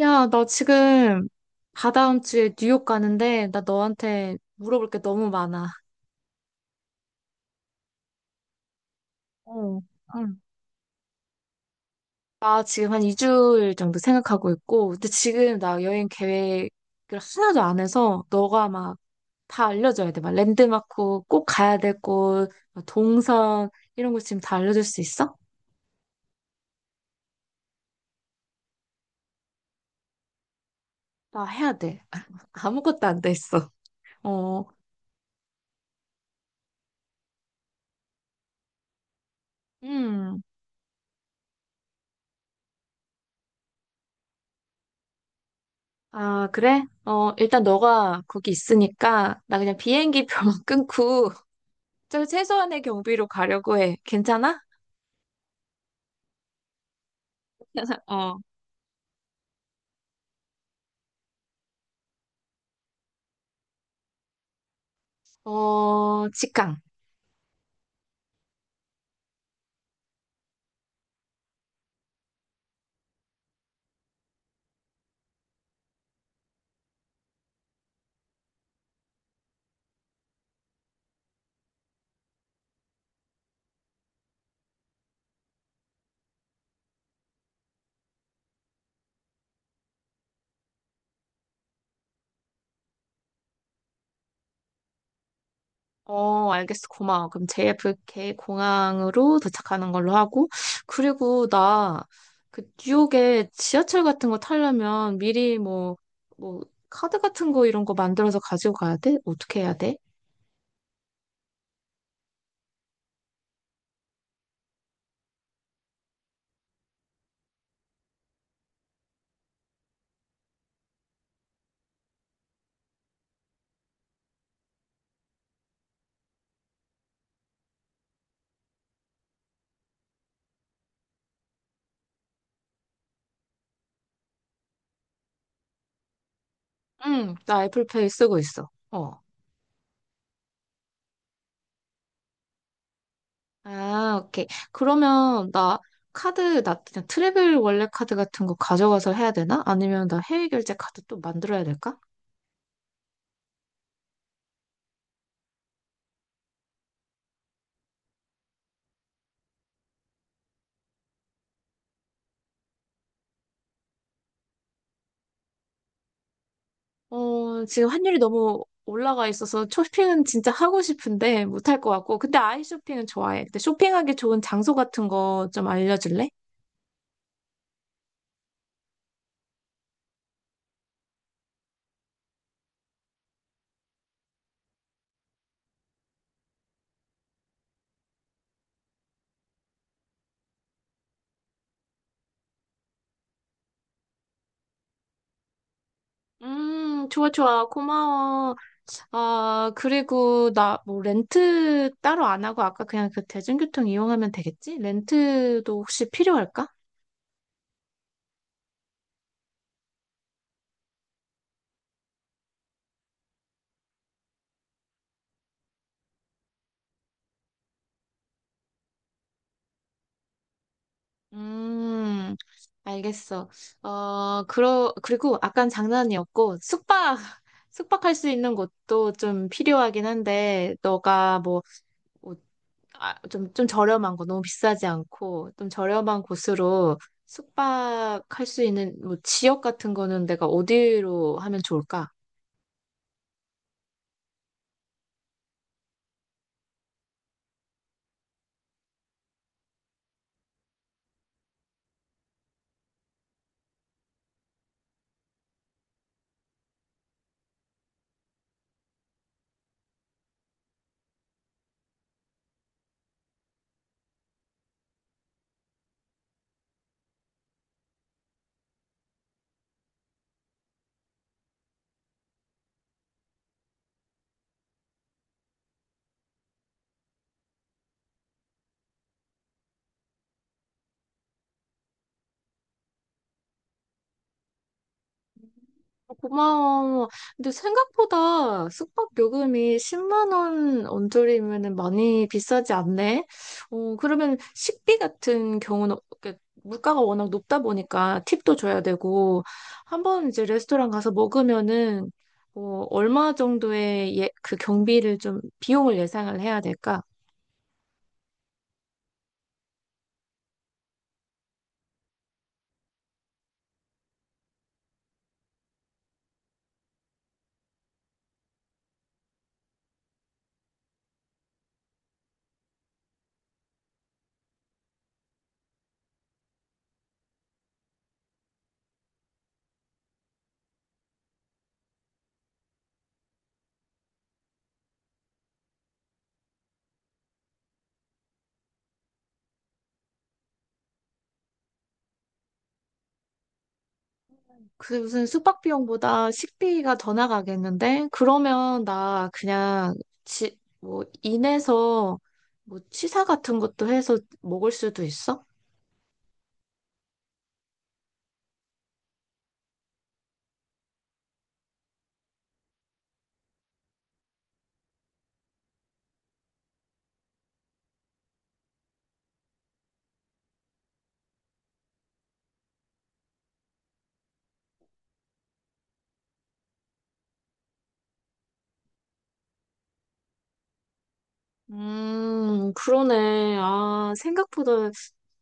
야, 나 지금 다다음 주에 뉴욕 가는데 나 너한테 물어볼 게 너무 많아. 어, 응. 나 지금 한 2주일 정도 생각하고 있고, 근데 지금 나 여행 계획을 하나도 안 해서 너가 막 다 알려줘야 돼. 막 랜드마크 꼭 가야 될 곳, 막 동선 이런 거 지금 다 알려줄 수 있어? 나 해야 돼. 아무것도 안 돼 있어. 어, 음. 아, 그래? 어, 일단 너가 거기 있으니까 나 그냥 비행기표만 끊고 저 최소한의 경비로 가려고 해. 괜찮아? 어, 어, 직항. 어, 알겠어. 고마워. 그럼 JFK 공항으로 도착하는 걸로 하고. 그리고 나, 그, 뉴욕에 지하철 같은 거 타려면 미리 뭐, 카드 같은 거 이런 거 만들어서 가지고 가야 돼? 어떻게 해야 돼? 응, 나 애플페이 쓰고 있어. 어. 아, 오케이. 그러면 나 카드, 나 그냥 트래블 원래 카드 같은 거 가져가서 해야 되나? 아니면 나 해외 결제 카드 또 만들어야 될까? 어, 지금 환율이 너무 올라가 있어서 쇼핑은 진짜 하고 싶은데 못할 것 같고. 근데 아이 쇼핑은 좋아해. 근데 쇼핑하기 좋은 장소 같은 거 좀 알려줄래? 좋아, 좋아. 고마워. 아, 그리고 나 뭐 렌트 따로 안 하고 아까 그냥 그 대중교통 이용하면 되겠지? 렌트도 혹시 필요할까? 음, 알겠어. 어, 그리고 아깐 장난이었고, 숙박, 숙박할 수 있는 곳도 좀 필요하긴 한데, 너가 뭐, 아, 좀 저렴한 거, 너무 비싸지 않고, 좀 저렴한 곳으로 숙박할 수 있는 뭐 지역 같은 거는 내가 어디로 하면 좋을까? 고마워. 근데 생각보다 숙박 요금이 10만 원 언저리면 많이 비싸지 않네. 어, 그러면 식비 같은 경우는 이렇게 물가가 워낙 높다 보니까 팁도 줘야 되고 한번 이제 레스토랑 가서 먹으면은 어, 얼마 정도의 예, 그 경비를 좀 비용을 예상을 해야 될까? 그게 무슨 숙박 비용보다 식비가 더 나가겠는데? 그러면 나 그냥 뭐 인해서 뭐 취사 같은 것도 해서 먹을 수도 있어? 그러네. 아, 생각보다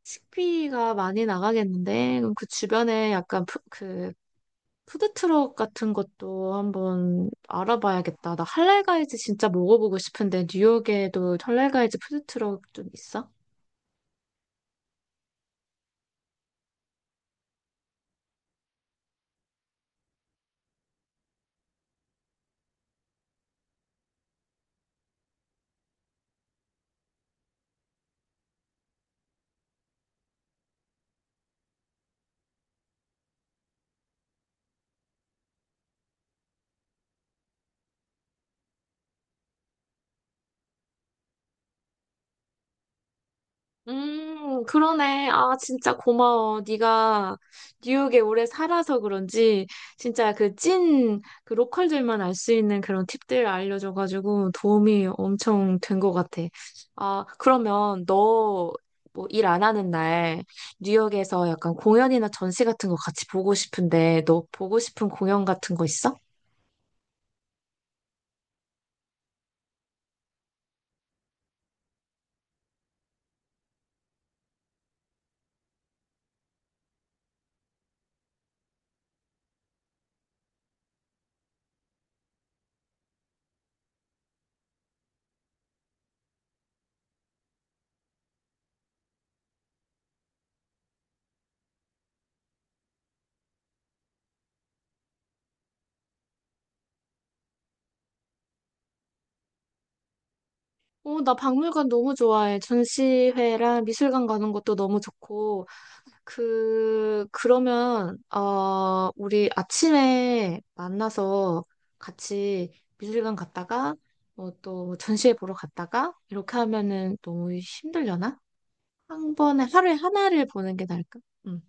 식비가 많이 나가겠는데? 그럼 그 주변에 약간 그 푸드트럭 같은 것도 한번 알아봐야겠다. 나 할랄가이즈 진짜 먹어보고 싶은데 뉴욕에도 할랄가이즈 푸드트럭 좀 있어? 그러네. 아, 진짜 고마워. 네가 뉴욕에 오래 살아서 그런지 진짜 그 찐 그 로컬들만 알 수 있는 그런 팁들 알려줘가지고 도움이 엄청 된 것 같아. 아, 그러면 너 뭐 일 안 하는 날 뉴욕에서 약간 공연이나 전시 같은 거 같이 보고 싶은데 너 보고 싶은 공연 같은 거 있어? 어, 나 박물관 너무 좋아해. 전시회랑 미술관 가는 것도 너무 좋고, 그, 그러면, 어, 우리 아침에 만나서 같이 미술관 갔다가, 뭐 또 전시회 보러 갔다가, 이렇게 하면은 너무 힘들려나? 한 번에 하루에 하나를 보는 게 나을까? 응.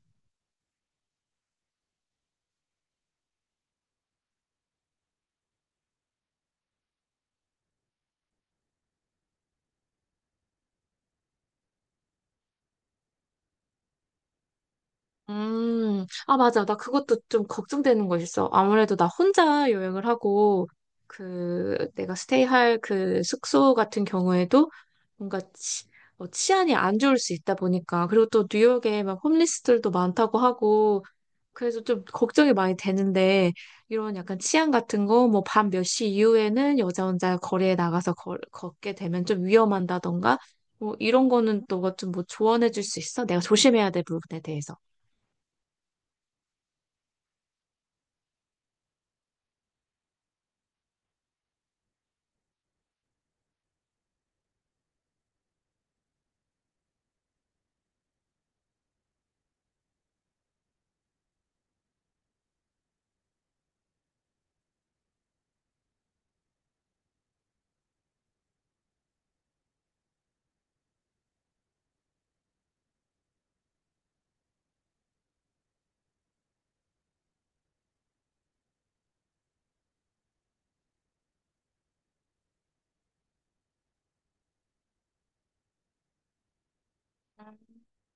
아, 맞아. 나 그것도 좀 걱정되는 거 있어. 아무래도 나 혼자 여행을 하고, 그, 내가 스테이할 그 숙소 같은 경우에도 뭔가 치안이 안 좋을 수 있다 보니까. 그리고 또 뉴욕에 막 홈리스들도 많다고 하고, 그래서 좀 걱정이 많이 되는데, 이런 약간 치안 같은 거, 뭐 밤 몇 시 이후에는 여자 혼자 거리에 나가서 걷게 되면 좀 위험한다던가, 뭐 이런 거는 너가 좀 뭐 조언해 줄 수 있어? 내가 조심해야 될 부분에 대해서.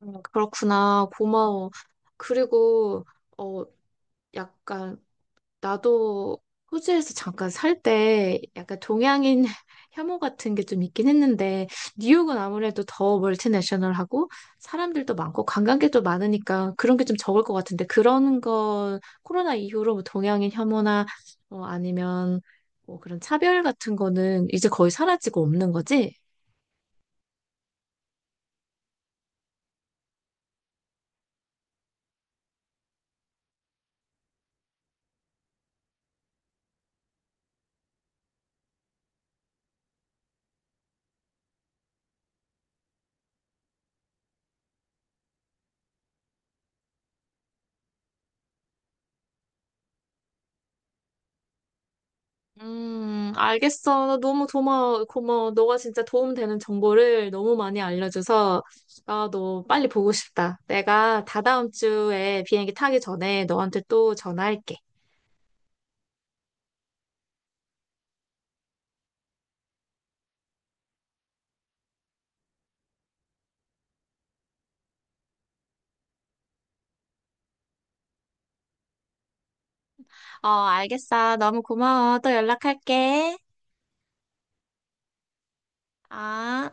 그렇구나. 고마워. 그리고, 어, 약간, 나도 호주에서 잠깐 살 때 약간 동양인 혐오 같은 게 좀 있긴 했는데 뉴욕은 아무래도 더 멀티내셔널하고 사람들도 많고 관광객도 많으니까 그런 게 좀 적을 것 같은데 그런 건 코로나 이후로 뭐 동양인 혐오나 뭐 아니면 뭐 그런 차별 같은 거는 이제 거의 사라지고 없는 거지? 알겠어. 나 너무 고마워. 고마워. 너가 진짜 도움되는 정보를 너무 많이 알려줘서 아 너 빨리 보고 싶다. 내가 다다음 주에 비행기 타기 전에 너한테 또 전화할게. 어, 알겠어. 너무 고마워. 또 연락할게. 아.